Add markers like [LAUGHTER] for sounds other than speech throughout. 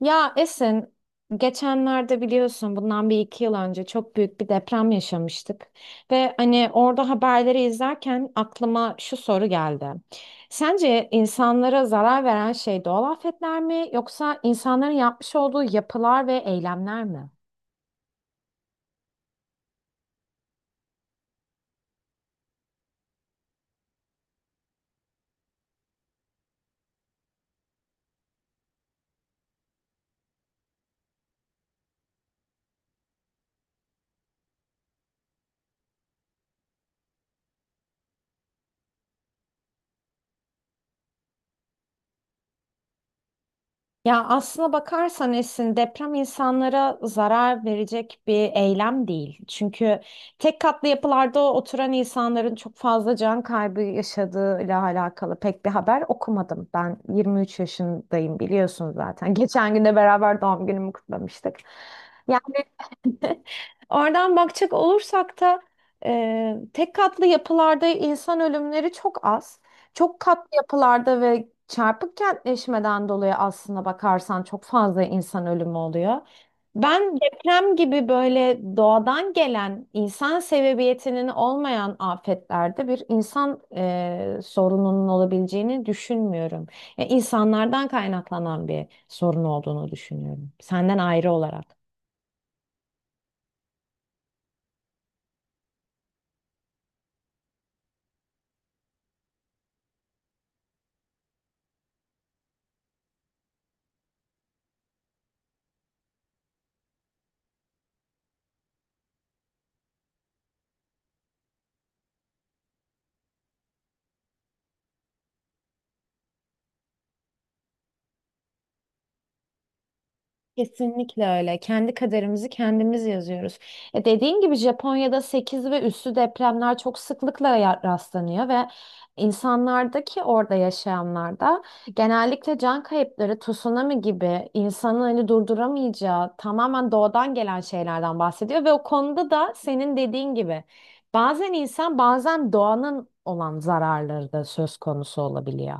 Ya Esin, geçenlerde biliyorsun bundan bir iki yıl önce çok büyük bir deprem yaşamıştık. Ve hani orada haberleri izlerken aklıma şu soru geldi. Sence insanlara zarar veren şey doğal afetler mi yoksa insanların yapmış olduğu yapılar ve eylemler mi? Ya aslına bakarsan Esin deprem insanlara zarar verecek bir eylem değil. Çünkü tek katlı yapılarda oturan insanların çok fazla can kaybı yaşadığıyla alakalı pek bir haber okumadım. Ben 23 yaşındayım biliyorsun zaten. [LAUGHS] Geçen gün de beraber doğum günümü kutlamıştık. Yani [LAUGHS] oradan bakacak olursak da tek katlı yapılarda insan ölümleri çok az. Çok katlı yapılarda ve çarpık kentleşmeden dolayı aslında bakarsan çok fazla insan ölümü oluyor. Ben deprem gibi böyle doğadan gelen insan sebebiyetinin olmayan afetlerde bir insan sorununun olabileceğini düşünmüyorum. Yani insanlardan kaynaklanan bir sorun olduğunu düşünüyorum. Senden ayrı olarak. Kesinlikle öyle. Kendi kaderimizi kendimiz yazıyoruz. E dediğin gibi Japonya'da 8 ve üstü depremler çok sıklıkla rastlanıyor ve insanlardaki orada yaşayanlarda genellikle can kayıpları, tsunami gibi insanın hani durduramayacağı tamamen doğadan gelen şeylerden bahsediyor ve o konuda da senin dediğin gibi bazen insan, bazen doğanın olan zararları da söz konusu olabiliyor.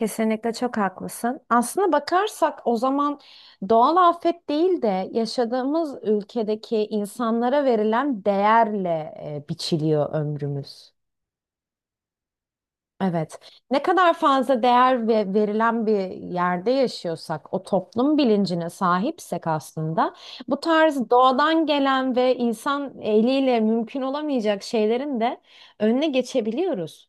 Kesinlikle çok haklısın. Aslına bakarsak o zaman doğal afet değil de yaşadığımız ülkedeki insanlara verilen değerle biçiliyor ömrümüz. Evet. Ne kadar fazla değer ve verilen bir yerde yaşıyorsak, o toplum bilincine sahipsek aslında, bu tarz doğadan gelen ve insan eliyle mümkün olamayacak şeylerin de önüne geçebiliyoruz.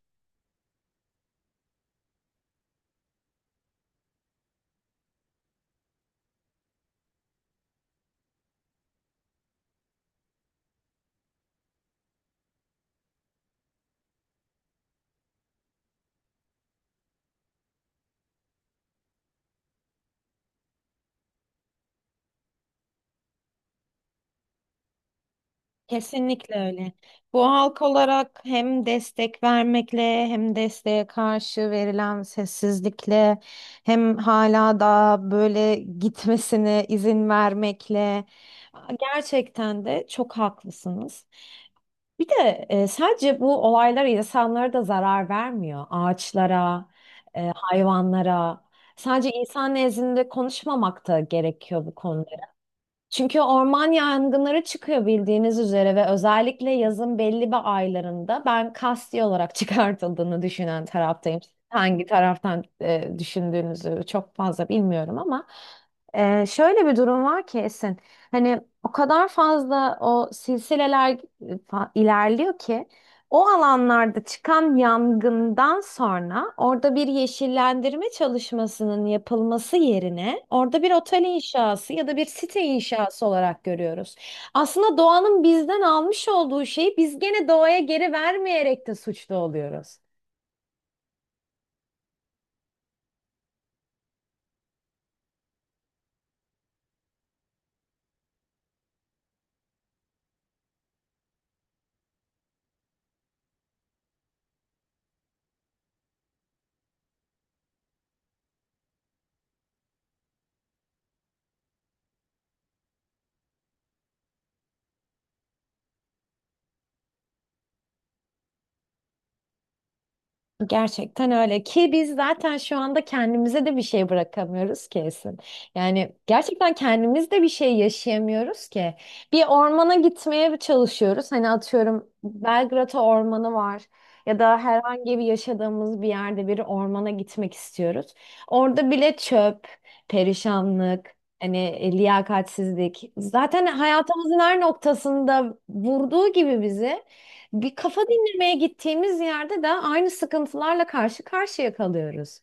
Kesinlikle öyle. Bu halk olarak hem destek vermekle hem desteğe karşı verilen sessizlikle hem hala da böyle gitmesine izin vermekle gerçekten de çok haklısınız. Bir de sadece bu olaylar insanlara da zarar vermiyor. Ağaçlara, hayvanlara. Sadece insan nezdinde konuşmamak da gerekiyor bu konuda. Çünkü orman yangınları çıkıyor bildiğiniz üzere ve özellikle yazın belli bir aylarında ben kasti olarak [LAUGHS] çıkartıldığını düşünen taraftayım. Hangi taraftan düşündüğünüzü çok fazla bilmiyorum ama şöyle bir durum var ki Esin. Hani o kadar fazla o silsileler ilerliyor ki o alanlarda çıkan yangından sonra orada bir yeşillendirme çalışmasının yapılması yerine orada bir otel inşası ya da bir site inşası olarak görüyoruz. Aslında doğanın bizden almış olduğu şeyi biz gene doğaya geri vermeyerek de suçlu oluyoruz. Gerçekten öyle ki biz zaten şu anda kendimize de bir şey bırakamıyoruz kesin. Yani gerçekten kendimiz de bir şey yaşayamıyoruz ki. Bir ormana gitmeye çalışıyoruz. Hani atıyorum Belgrata Ormanı var ya da herhangi bir yaşadığımız bir yerde bir ormana gitmek istiyoruz. Orada bile çöp, perişanlık, hani liyakatsizlik zaten hayatımızın her noktasında vurduğu gibi bizi bir kafa dinlemeye gittiğimiz yerde de aynı sıkıntılarla karşı karşıya kalıyoruz.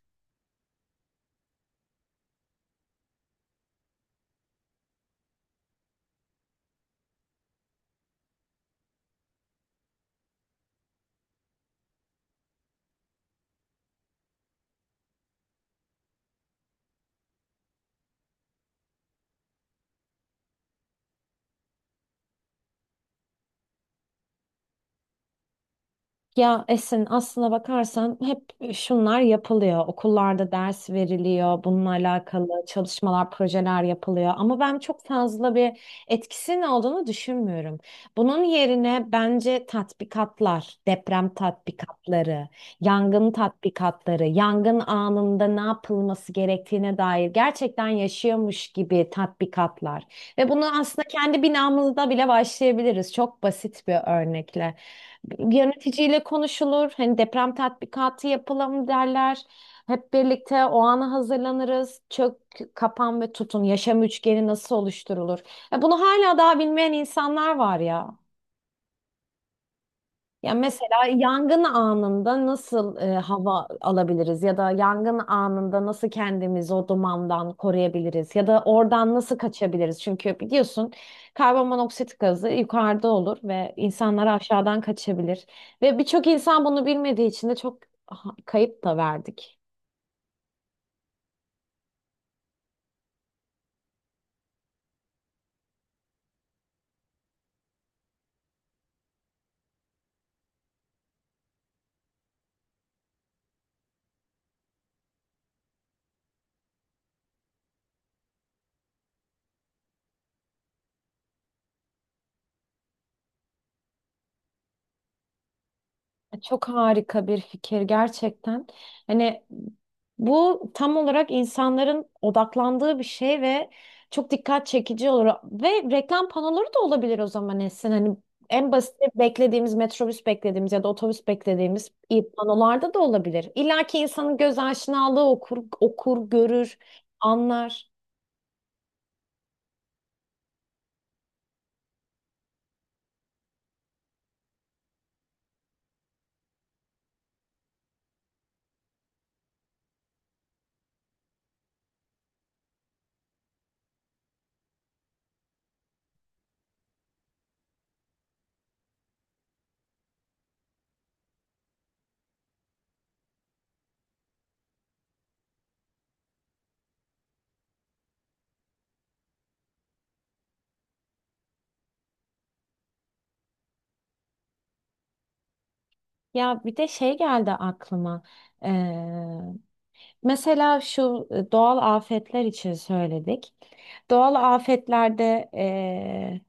Ya Esin aslına bakarsan hep şunlar yapılıyor. Okullarda ders veriliyor, bununla alakalı çalışmalar, projeler yapılıyor. Ama ben çok fazla bir etkisinin olduğunu düşünmüyorum. Bunun yerine bence tatbikatlar, deprem tatbikatları, yangın tatbikatları, yangın anında ne yapılması gerektiğine dair gerçekten yaşıyormuş gibi tatbikatlar. Ve bunu aslında kendi binamızda bile başlayabiliriz. Çok basit bir örnekle. Yöneticiyle konuşulur. Hani deprem tatbikatı yapalım derler. Hep birlikte o ana hazırlanırız. Çök, kapan ve tutun. Yaşam üçgeni nasıl oluşturulur? Ya bunu hala daha bilmeyen insanlar var ya. Ya mesela yangın anında nasıl hava alabiliriz ya da yangın anında nasıl kendimizi o dumandan koruyabiliriz ya da oradan nasıl kaçabiliriz? Çünkü biliyorsun karbonmonoksit gazı yukarıda olur ve insanlar aşağıdan kaçabilir ve birçok insan bunu bilmediği için de çok kayıp da verdik. Çok harika bir fikir gerçekten. Hani bu tam olarak insanların odaklandığı bir şey ve çok dikkat çekici olur. Ve reklam panoları da olabilir o zaman Esin. Hani en basit beklediğimiz metrobüs beklediğimiz ya da otobüs beklediğimiz iyi panolarda da olabilir. İlla ki insanın göz aşinalığı okur, okur, görür, anlar. Ya bir de şey geldi aklıma. Mesela şu doğal afetler için söyledik. Doğal afetlerde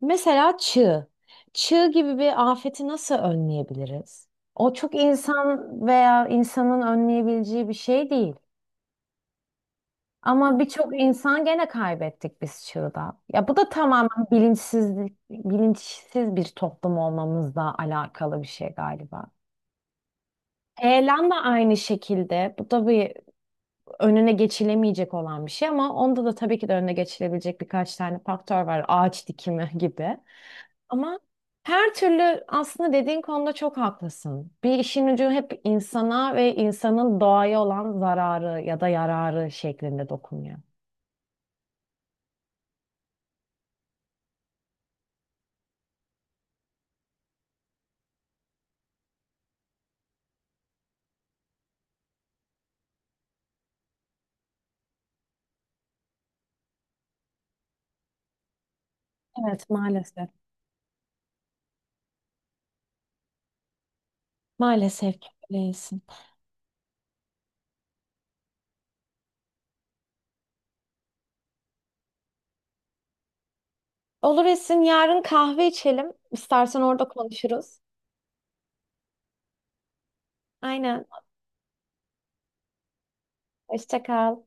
mesela çığ. Çığ gibi bir afeti nasıl önleyebiliriz? O çok insan veya insanın önleyebileceği bir şey değil. Ama birçok insan gene kaybettik biz çığda. Ya bu da tamamen bilinçsizlik, bilinçsiz bir toplum olmamızla alakalı bir şey galiba. Eylem de aynı şekilde. Bu da bir önüne geçilemeyecek olan bir şey ama onda da tabii ki de önüne geçilebilecek birkaç tane faktör var. Ağaç dikimi gibi. Ama her türlü aslında dediğin konuda çok haklısın. Bir işin ucu hep insana ve insanın doğaya olan zararı ya da yararı şeklinde dokunuyor. Evet maalesef. Maalesef ki öylesin. Olur Esin yarın kahve içelim. İstersen orada konuşuruz. Aynen. Hoşça kal.